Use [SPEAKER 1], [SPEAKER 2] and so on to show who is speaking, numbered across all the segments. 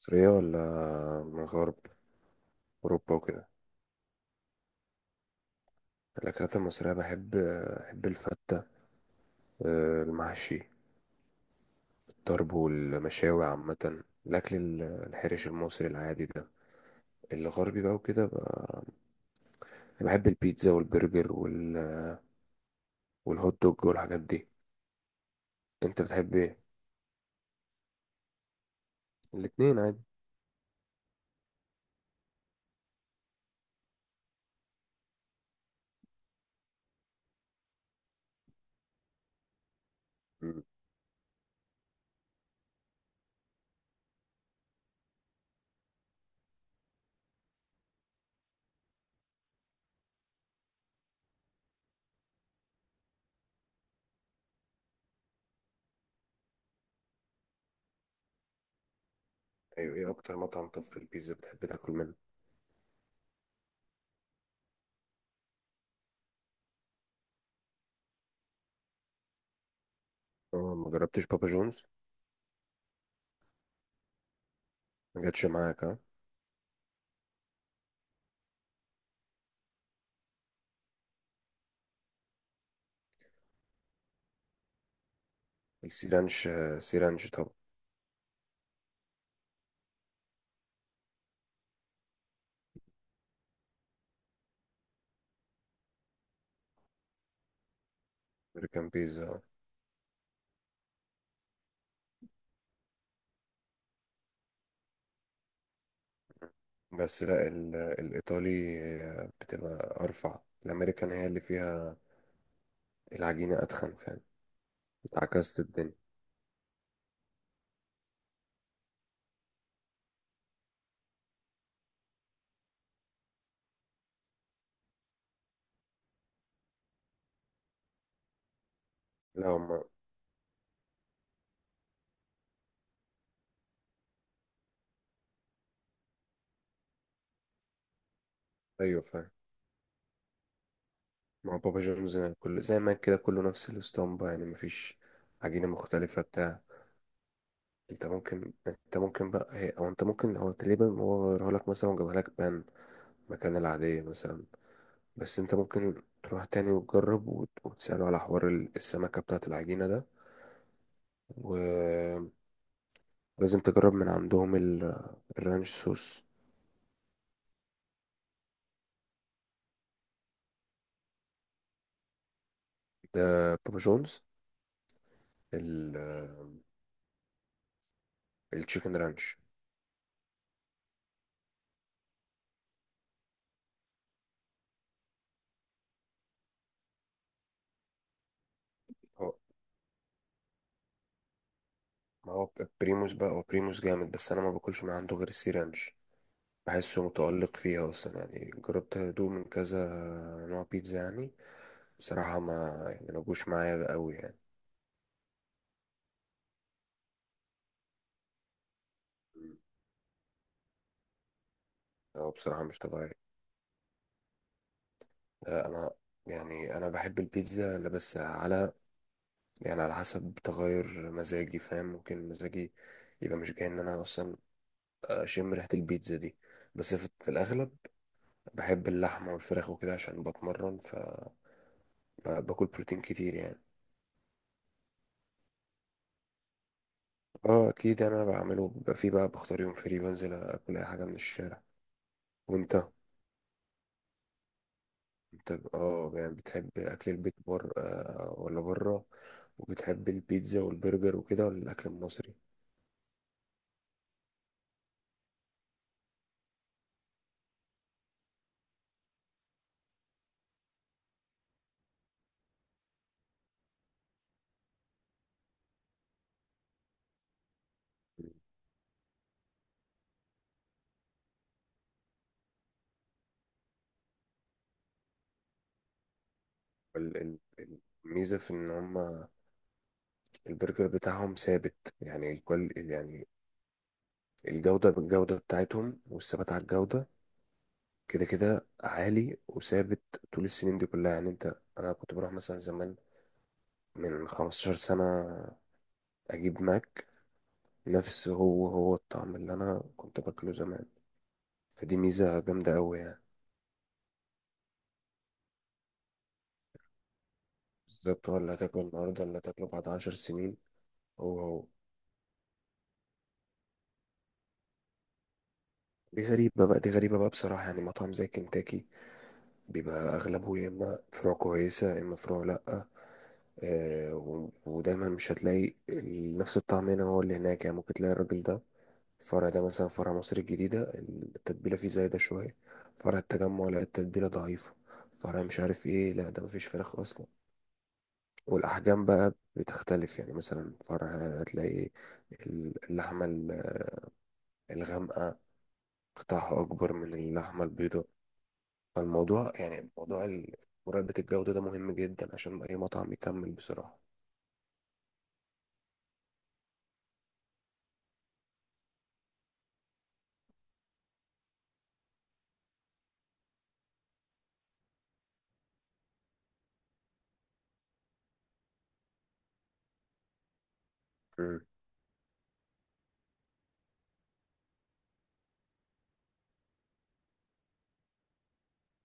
[SPEAKER 1] مصرية ولا من الغرب؟ أوروبا وكده. الأكلات المصرية بحب الفتة، المحشي، الطرب والمشاوي، عامة الأكل الحرش المصري العادي ده. الغربي بقى وكده بحب البيتزا والبرجر والهوت دوج والحاجات دي. أنت بتحب إيه؟ الاتنين عادي. مم. أيوة، إيه أكتر مطعم طب في البيتزا بتحب تاكل منه؟ ما جربتش بابا جونز؟ ما جاتش معاك ها؟ السيرانش، سيرانش طب. أمريكان بيتزا؟ بس لا، الإيطالي بتبقى أرفع. الأمريكان هي اللي فيها العجينة أتخن، فاهم؟ اتعكست الدنيا. لا هما. أيوة فاهم. ما هو بابا جونز كل زي ما كده كله نفس الاسطمبة، يعني مفيش عجينة مختلفة بتاع. انت ممكن انت ممكن بقى هي او انت ممكن هو تقريبا هو غيرها لك مثلا وجابها لك بان مكان العادية مثلا. بس انت ممكن تروح تاني وتجرب وتسأله على حوار السمكة بتاعة العجينة ده و... لازم تجرب من عندهم الرانش صوص ده، بابا جونز، ال- التشيكن رانش. هو ما هو بريموس بقى، هو بريموس جامد، بس انا ما باكلش من عنده غير السي رانش. بحسه متألق فيها اصلا، يعني جربت ادوق من كذا نوع بيتزا يعني، بصراحة ما جوش معايا قوي يعني. مم. هو بصراحة مش طبيعي. لا، انا يعني انا بحب البيتزا اللي بس على، يعني على حسب تغير مزاجي، فاهم؟ ممكن مزاجي يبقى مش جاي ان انا اصلا اشم ريحه البيتزا دي. بس في الاغلب بحب اللحمه والفراخ وكده عشان بتمرن، فباكل بروتين كتير يعني. اه اكيد، يعني انا بعمله بيبقى فيه بقى، بختار يوم فري بنزل اكل اي حاجه من الشارع. وانت؟ انت يعني بتحب اكل البيت، بره، ولا بره؟ وبتحب البيتزا والبرجر وكده، ولا الاكل المصري؟ ال- ال- ال- الميزه في ان هما البرجر بتاعهم ثابت، يعني الكل يعني. الجوده، بالجوده بتاعتهم والثبات على الجوده كده كده عالي وثابت طول السنين دي كلها، يعني انت انا كنت بروح مثلا زمان من 15 سنة اجيب ماك، نفس هو هو الطعم اللي انا كنت باكله زمان. فدي ميزة جامدة قوي يعني. بالظبط، هو اللي هتاكله النهاردة اللي هتاكله بعد 10 سنين هو هو. دي غريبة بقى، دي غريبة بقى بصراحة. يعني مطعم زي كنتاكي بيبقى أغلبه يا إما فروع كويسة يا إما فروع لأ. آه، ودايما مش هتلاقي نفس الطعم هنا هو اللي هناك. يعني ممكن تلاقي الراجل ده الفرع ده مثلا، فرع مصر الجديدة التتبيلة فيه زايدة شوية، فرع التجمع لا التتبيلة ضعيفة، فرع مش عارف ايه لا ده مفيش فراخ أصلا. والأحجام بقى بتختلف، يعني مثلا فرع هتلاقي اللحمة الغامقة قطعها أكبر من اللحمة البيضاء. فالموضوع يعني موضوع مراقبة الجودة ده مهم جدا عشان أي مطعم يكمل بصراحة. مم.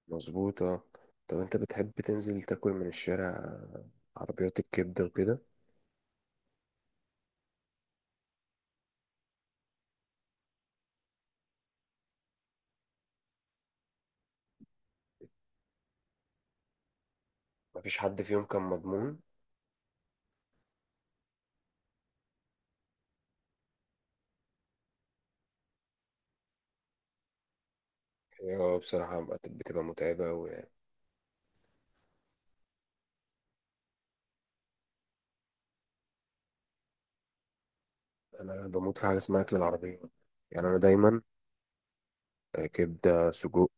[SPEAKER 1] مظبوط اه. طب انت بتحب تنزل تاكل من الشارع، عربيات الكبدة وكده؟ مفيش حد فيهم كان مضمون؟ اه بصراحة بتبقى متعبة أوي يعني. أنا بموت في حاجة اسمها أكل العربية، يعني أنا دايما، كبدة، سجق،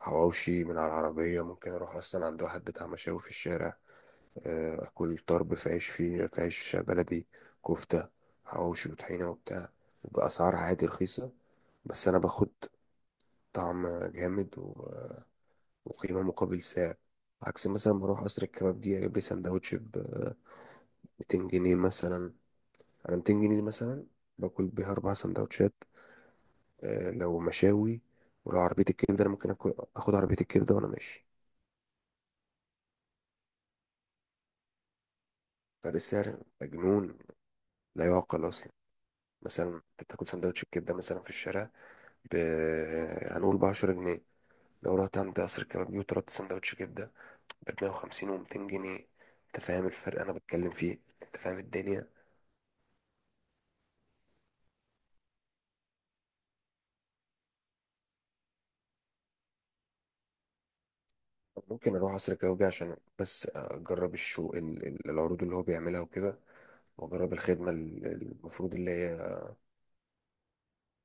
[SPEAKER 1] حواوشي من على العربية. ممكن أروح أصلا عند واحد بتاع مشاوي في الشارع، أكل طرب في عيش، فيه في عيش بلدي، كفتة، حواوشي وطحينة وبتاع، بأسعار عادي رخيصة. بس أنا باخد طعم جامد وقيمة مقابل سعر. عكس مثلا بروح قصر الكبابجي أجيب لي سندوتش ب 200 جنيه مثلا. على 200 جنيه دي مثلا باكل بيها أربع سندوتشات، لو مشاوي. ولو عربية الكبدة أنا ممكن آخد عربية الكبدة وأنا ماشي. فرق السعر مجنون، لا يعقل أصلا. مثلا أنت بتاكل سندوتش الكبدة مثلا في الشارع ب، هنقول بعشرة جنيه. لو رحت عند قصر الكبابجي وطلبت سندوتش كبدة بمية وخمسين ومتين جنيه. أنت فاهم الفرق أنا بتكلم فيه؟ أنت فاهم الدنيا؟ ممكن أروح قصر الكبابجي عشان بس أجرب الشو، العروض اللي هو بيعملها وكده، وأجرب الخدمة المفروض اللي هي،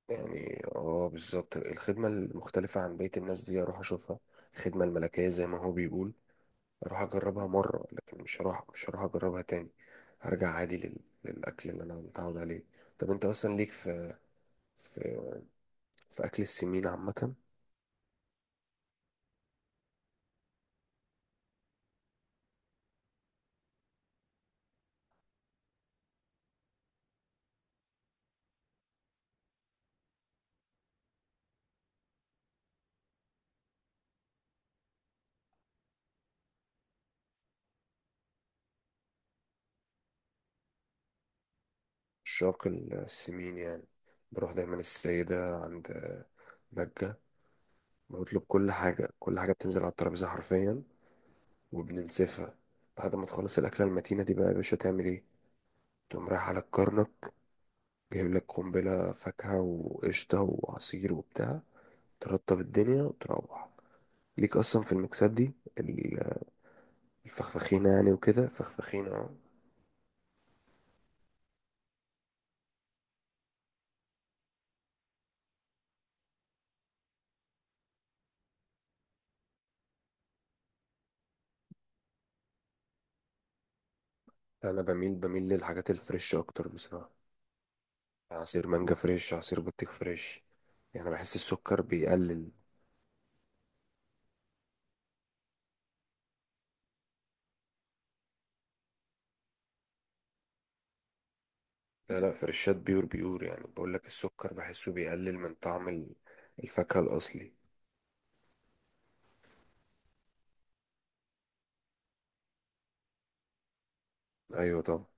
[SPEAKER 1] يعني اه بالظبط، الخدمة المختلفة عن بقية الناس دي اروح اشوفها، الخدمة الملكية زي ما هو بيقول. اروح اجربها مرة، لكن مش هروح اجربها تاني. هرجع عادي للاكل اللي انا متعود عليه. طب انت اصلا ليك في، في, في اكل السمين عامة؟ عشاق السمين يعني، بروح دايما السيدة عند بجة، بنطلب كل حاجة، كل حاجة بتنزل على الترابيزة حرفيا وبننسفها. بعد ما تخلص الأكلة المتينة دي بقى يا باشا تعمل ايه؟ تقوم رايح على الكرنب، جايب لك قنبلة فاكهة وقشطة وعصير وبتاع، ترطب الدنيا وتروح. ليك أصلا في المكسات دي، ال- الفخفخينة يعني وكده، فخفخينة اه. أنا بميل للحاجات الفريش أكتر بصراحة، عصير مانجا فريش، عصير بطيخ فريش، يعني بحس السكر بيقلل. لا لا، فريشات بيور بيور، يعني بقول لك السكر بحسه بيقلل من طعم الفاكهة الأصلي. أيوة طبعا.